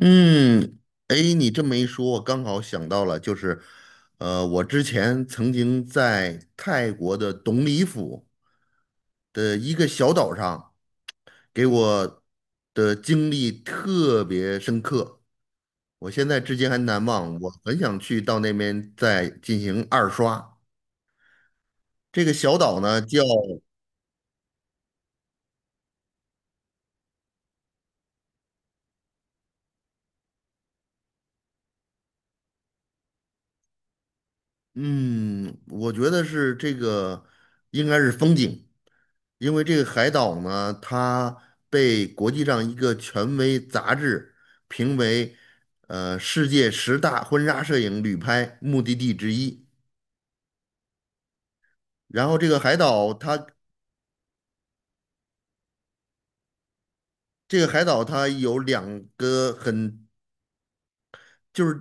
嗯。哎，你这么一说，我刚好想到了，就是，我之前曾经在泰国的董里府的一个小岛上，给我的经历特别深刻，我现在至今还难忘。我很想去到那边再进行二刷。这个小岛呢，叫嗯，我觉得是这个应该是风景，因为这个海岛呢，它被国际上一个权威杂志评为世界十大婚纱摄影旅拍目的地之一。然后这个海岛它有两个就是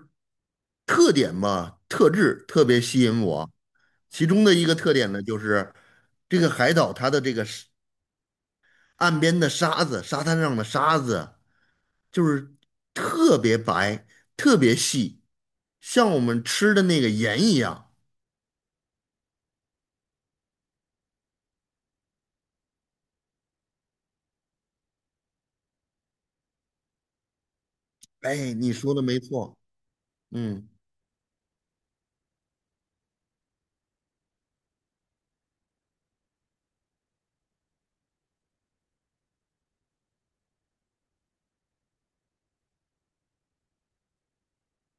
特点嘛，特质特别吸引我。其中的一个特点呢，就是这个海岛它的这个岸边的沙子，沙滩上的沙子，就是特别白，特别细，像我们吃的那个盐一样。哎，你说的没错，嗯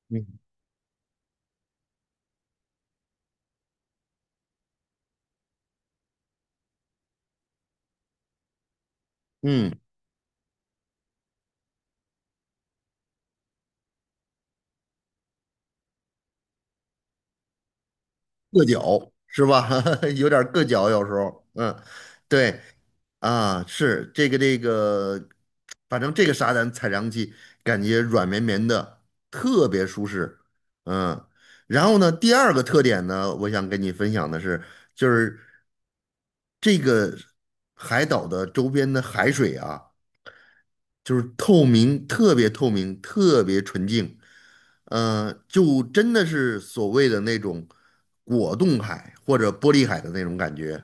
嗯嗯，硌脚是吧？有点儿硌脚，有时候，嗯，对啊，反正这个沙滩踩上去感觉软绵绵的，特别舒适，嗯。然后呢，第二个特点呢，我想跟你分享的是，就是。这个海岛的周边的海水啊，就是透明，特别透明，特别纯净，就真的是所谓的那种果冻海或者玻璃海的那种感觉。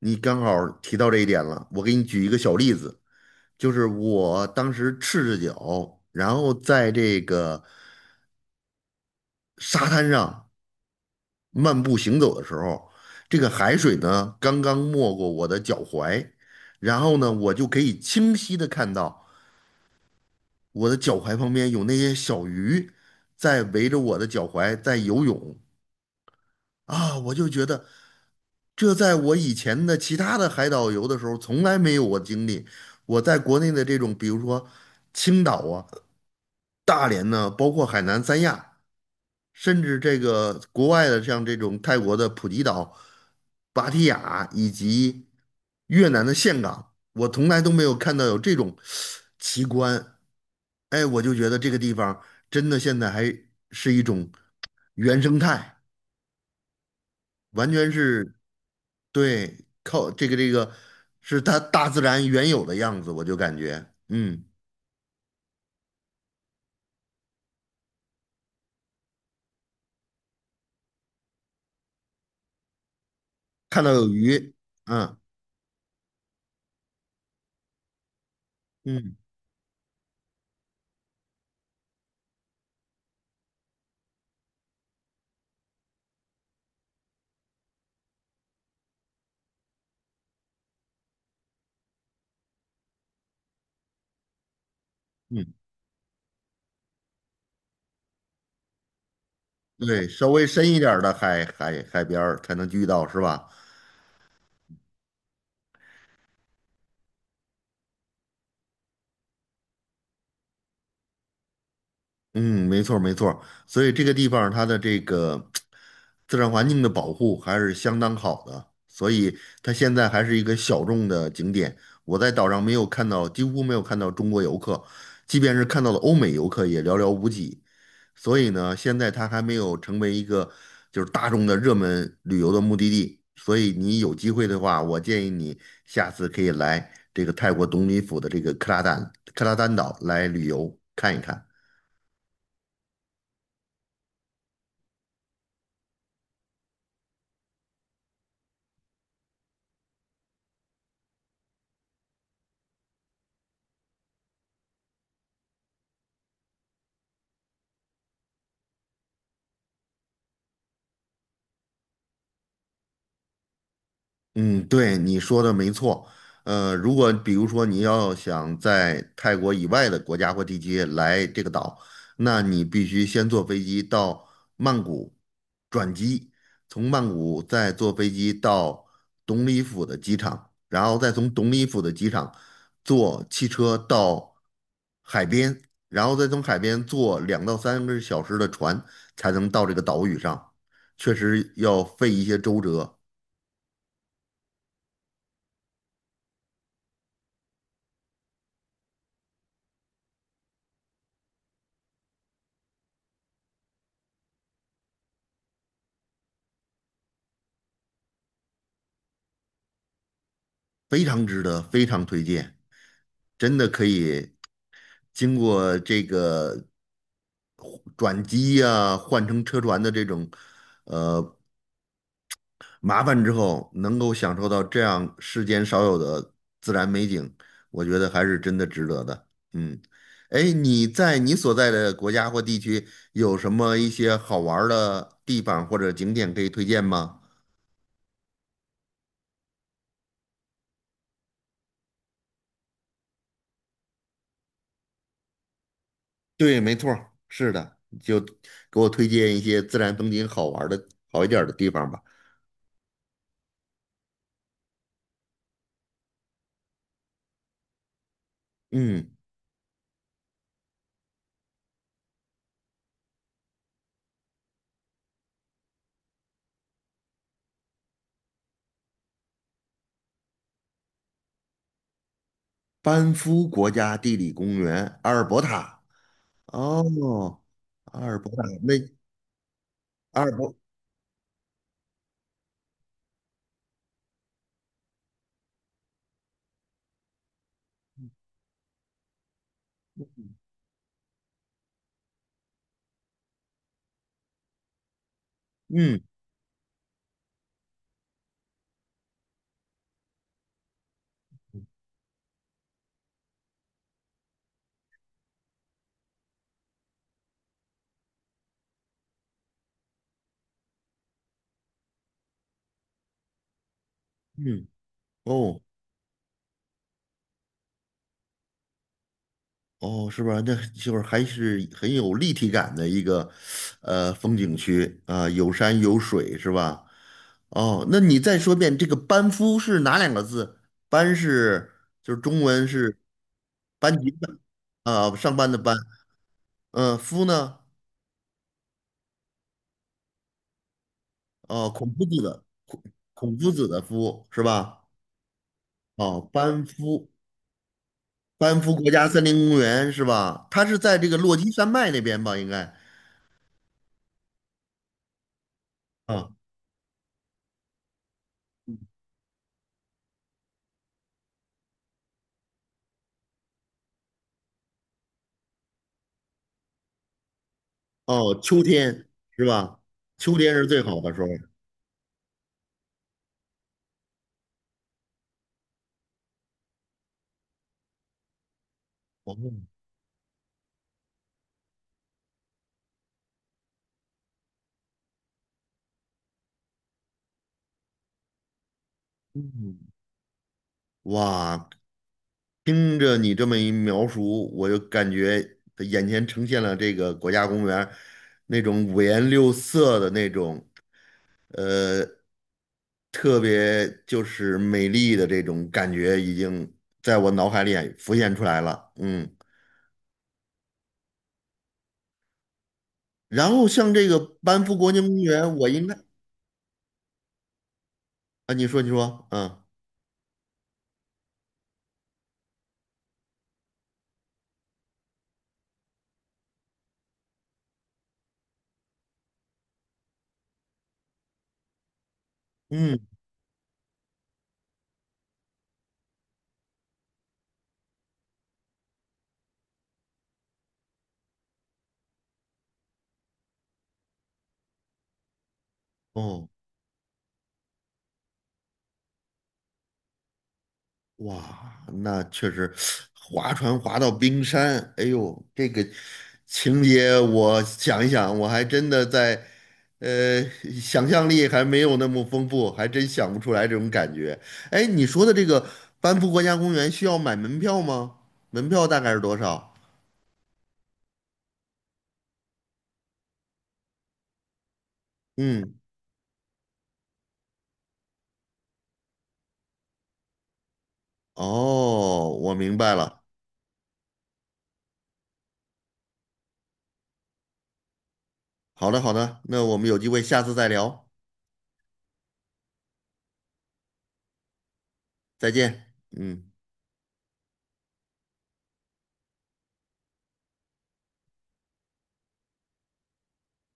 你刚好提到这一点了，我给你举一个小例子，就是我当时赤着脚，然后在这个沙滩上。漫步行走的时候，这个海水呢刚刚没过我的脚踝，然后呢，我就可以清晰的看到我的脚踝旁边有那些小鱼在围着我的脚踝在游泳啊，我就觉得这在我以前的其他的海岛游的时候从来没有我经历。我在国内的这种，比如说青岛啊、大连呢，包括海南三亚。甚至这个国外的像这种泰国的普吉岛、芭提雅以及越南的岘港，我从来都没有看到有这种奇观。哎，我就觉得这个地方真的现在还是一种原生态，完全是对靠这个是它大自然原有的样子，我就感觉看到有鱼，嗯嗯嗯，对，稍微深一点儿的海边儿才能遇到，是吧？嗯，没错儿没错儿，所以这个地方儿它的这个自然环境的保护还是相当好的，所以它现在还是一个小众的景点。我在岛上没有看到，几乎没有看到中国游客，即便是看到了欧美游客也寥寥无几。所以呢，现在它还没有成为一个就是大众的热门旅游的目的地。所以你有机会的话，我建议你下次可以来这个泰国董里府的这个克拉丹岛来旅游看一看。嗯，对，你说的没错。如果比如说你要想在泰国以外的国家或地区来这个岛，那你必须先坐飞机到曼谷转机，从曼谷再坐飞机到董里府的机场，然后再从董里府的机场坐汽车到海边，然后再从海边坐2到3个小时的船才能到这个岛屿上，确实要费一些周折。非常值得，非常推荐，真的可以经过这个转机呀、换乘车船的这种呃麻烦之后，能够享受到这样世间少有的自然美景，我觉得还是真的值得的。嗯，哎，你在你所在的国家或地区有什么一些好玩儿的地方或者景点可以推荐吗？对，没错儿是的，就给我推荐一些自然风景好玩儿的、好一点儿的地方吧。嗯，班夫国家地理公园，阿尔伯塔。哦，阿尔伯塔，那阿尔伯，嗯嗯，哦，哦，是吧？那就是还是很有立体感的一个，风景区啊，有山有水，是吧？哦，那你再说遍这个班夫是哪两个字？班是就是中文是班级的啊，上班的班。嗯，夫呢？哦，孔夫子的夫是吧？哦，班夫国家森林公园是吧？它是在这个落基山脉那边吧？应该。啊。哦，秋天是吧？秋天是最好的时候。哦，嗯，哇，听着你这么一描述，我就感觉眼前呈现了这个国家公园儿那种五颜六色的那种，呃，特别就是美丽的这种感觉，已经在我脑海里浮现出来了。嗯，然后像这个班夫国家公园，我应该啊，你说，你说，嗯嗯，哦。哇，那确实，划船划到冰山，哎呦，这个情节我想一想，我还真的在，呃，想象力还没有那么丰富，还真想不出来这种感觉。哎，你说的这个班夫国家公园需要买门票吗？门票大概是多少？嗯，哦，我明白了。好的，好的，那我们有机会下次再聊，再见。嗯。